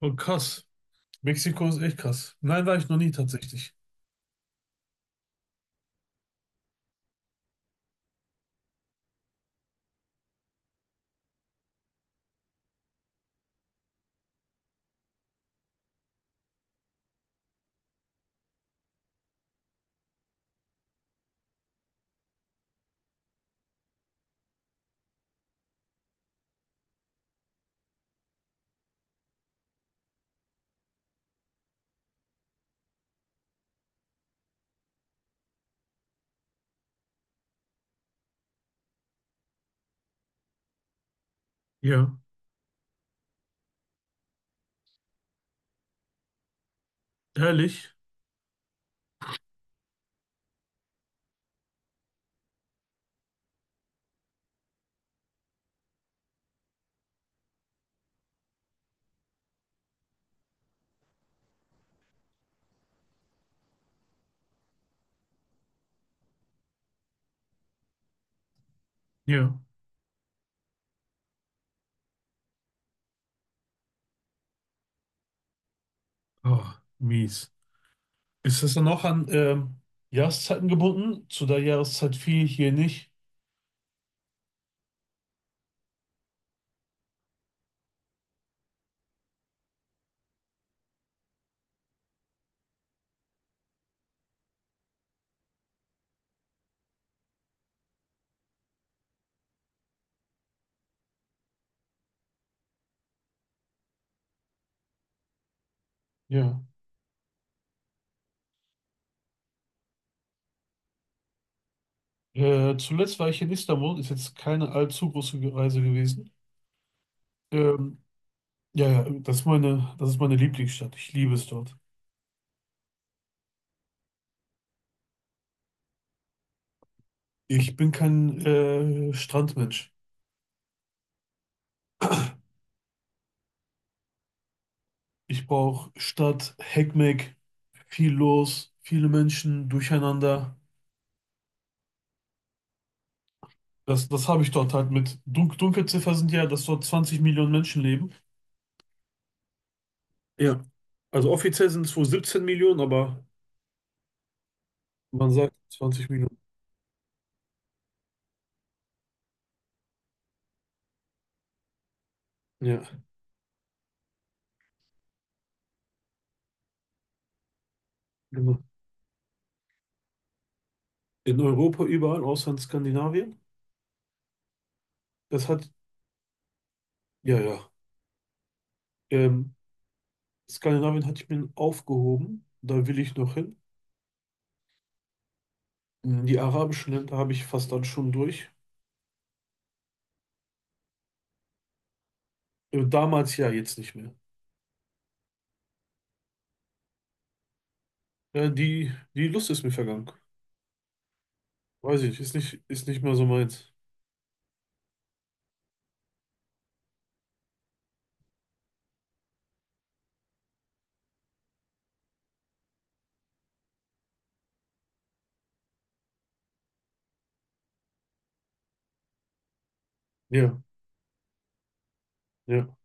Oh, krass. Mexiko ist echt krass. Nein, war ich noch nie tatsächlich. Ja, ehrlich? Ja. Oh, mies. Ist das dann auch an Jahreszeiten gebunden? Zu der Jahreszeit viel hier nicht. Ja. Zuletzt war ich in Istanbul, ist jetzt keine allzu große Reise gewesen. Ähm, ja, ja, das ist meine Lieblingsstadt. Ich liebe es dort. Ich bin kein Strandmensch. Ich brauche Stadt, Heckmeck, viel los, viele Menschen, durcheinander. Das habe ich dort halt mit. Dunkelziffer sind ja, dass dort 20 Millionen Menschen leben. Ja. Also offiziell sind es wohl 17 Millionen, aber man sagt 20 Millionen. Ja, genau. In Europa überall, außer in Skandinavien. Das hat, ja, ja. Ähm, Skandinavien hatte ich mir aufgehoben. Da will ich noch hin. Die arabischen Länder habe ich fast dann schon durch. Damals ja, jetzt nicht mehr. Ja, die Lust ist mir vergangen. Weiß ich nicht, ist nicht mehr so meins. Ja, ja,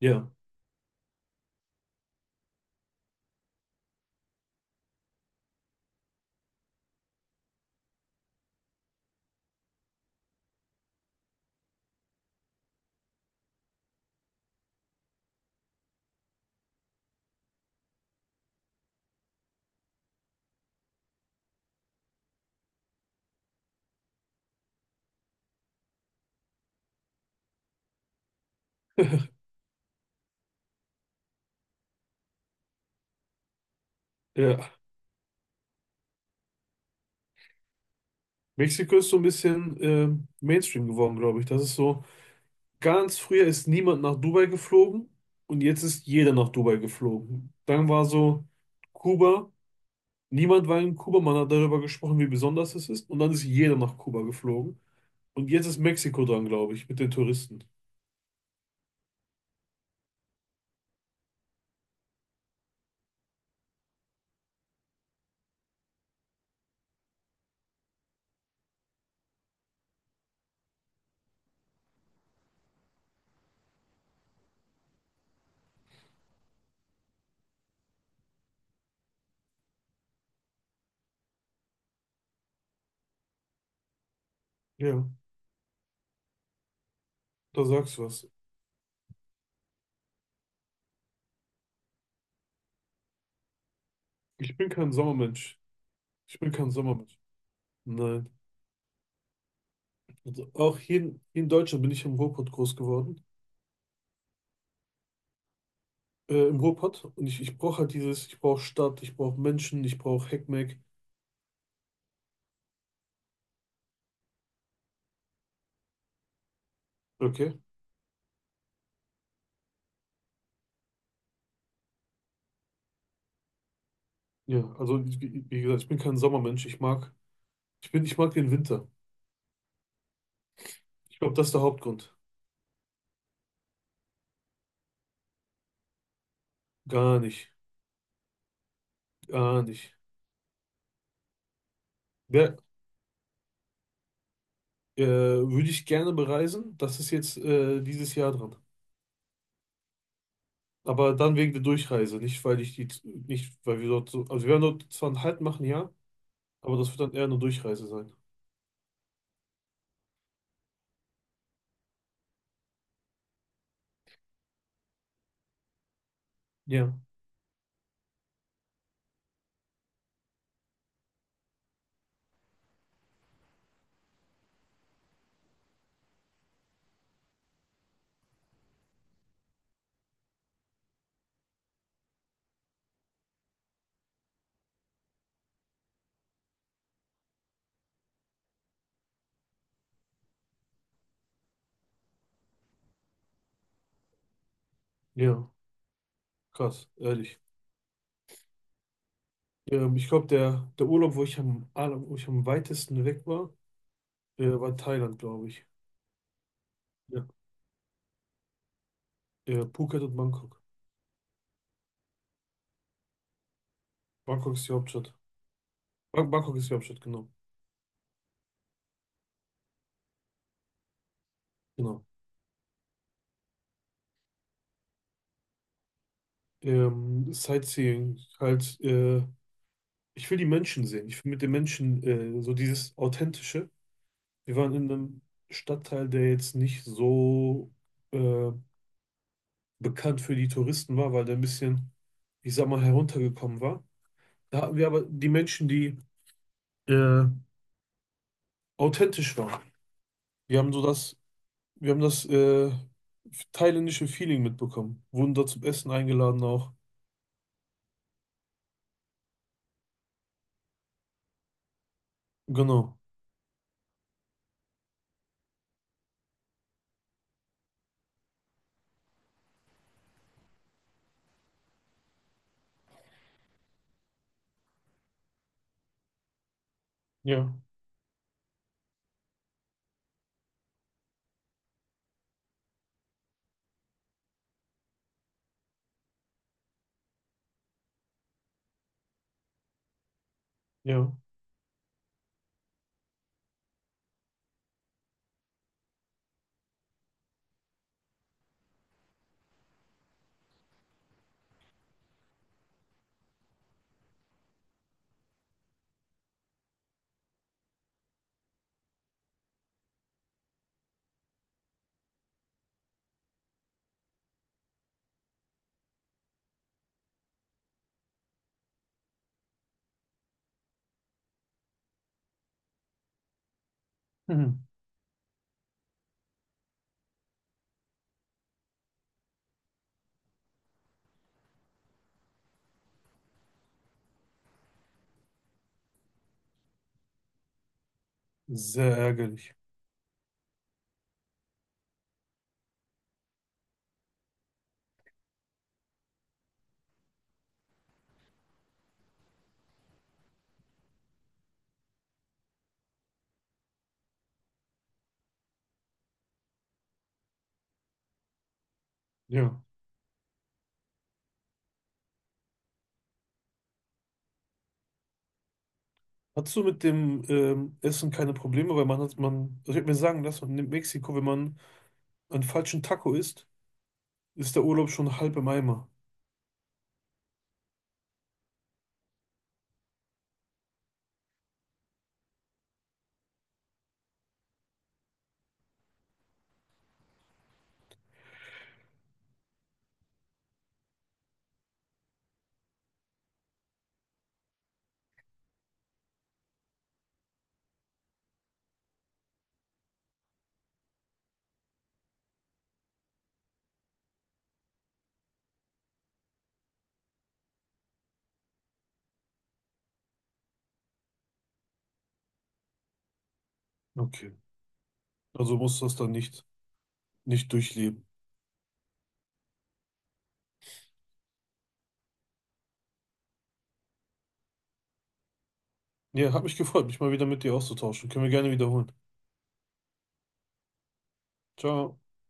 ja, ja. Mexiko ist so ein bisschen Mainstream geworden, glaube ich. Das ist so, ganz früher ist niemand nach Dubai geflogen und jetzt ist jeder nach Dubai geflogen. Dann war so Kuba, niemand war in Kuba, man hat darüber gesprochen, wie besonders es ist, und dann ist jeder nach Kuba geflogen. Und jetzt ist Mexiko dran, glaube ich, mit den Touristen. Ja, da sagst du was. Ich bin kein Sommermensch. Ich bin kein Sommermensch. Nein. Also auch hier, hier in Deutschland bin ich im Ruhrpott groß geworden. Äh, im Ruhrpott, und ich brauche halt dieses, ich brauche Stadt, ich brauche Menschen, ich brauche Heckmeck. Okay. Ja, also wie gesagt, ich bin kein Sommermensch. Ich mag den Winter. Ich glaube, das ist der Hauptgrund. Gar nicht, gar nicht. Der, würde ich gerne bereisen. Das ist jetzt dieses Jahr dran. Aber dann wegen der Durchreise, nicht weil wir dort so, also wir werden dort zwar einen Halt machen, ja, aber das wird dann eher eine Durchreise sein. Ja, ja, krass, ehrlich. Ich glaube, der Urlaub, wo ich wo ich am weitesten weg war, war Thailand, glaube ich. Ja. Phuket und Bangkok. Bangkok ist die Hauptstadt. Bangkok ist die Hauptstadt, genau. Genau. Sightseeing, halt, ich will die Menschen sehen. Ich will mit den Menschen so dieses Authentische. Wir waren in einem Stadtteil, der jetzt nicht so äh, bekannt für die Touristen war, weil der ein bisschen, ich sag mal, heruntergekommen war. Da hatten wir aber die Menschen, die äh, authentisch waren. Wir haben so das, wir haben das thailändische Feeling mitbekommen. Wurden da zum Essen eingeladen auch. Genau. Ja, ja. Mhm. Sehr ärgerlich. Ja. Hattest du mit dem Essen keine Probleme? Weil man, also ich habe mir sagen lassen, in Mexiko, wenn man einen falschen Taco isst, ist der Urlaub schon halb im Eimer. Okay. Also musst du das dann nicht durchleben. Ja, hat mich gefreut, mich mal wieder mit dir auszutauschen. Können wir gerne wiederholen. Ciao.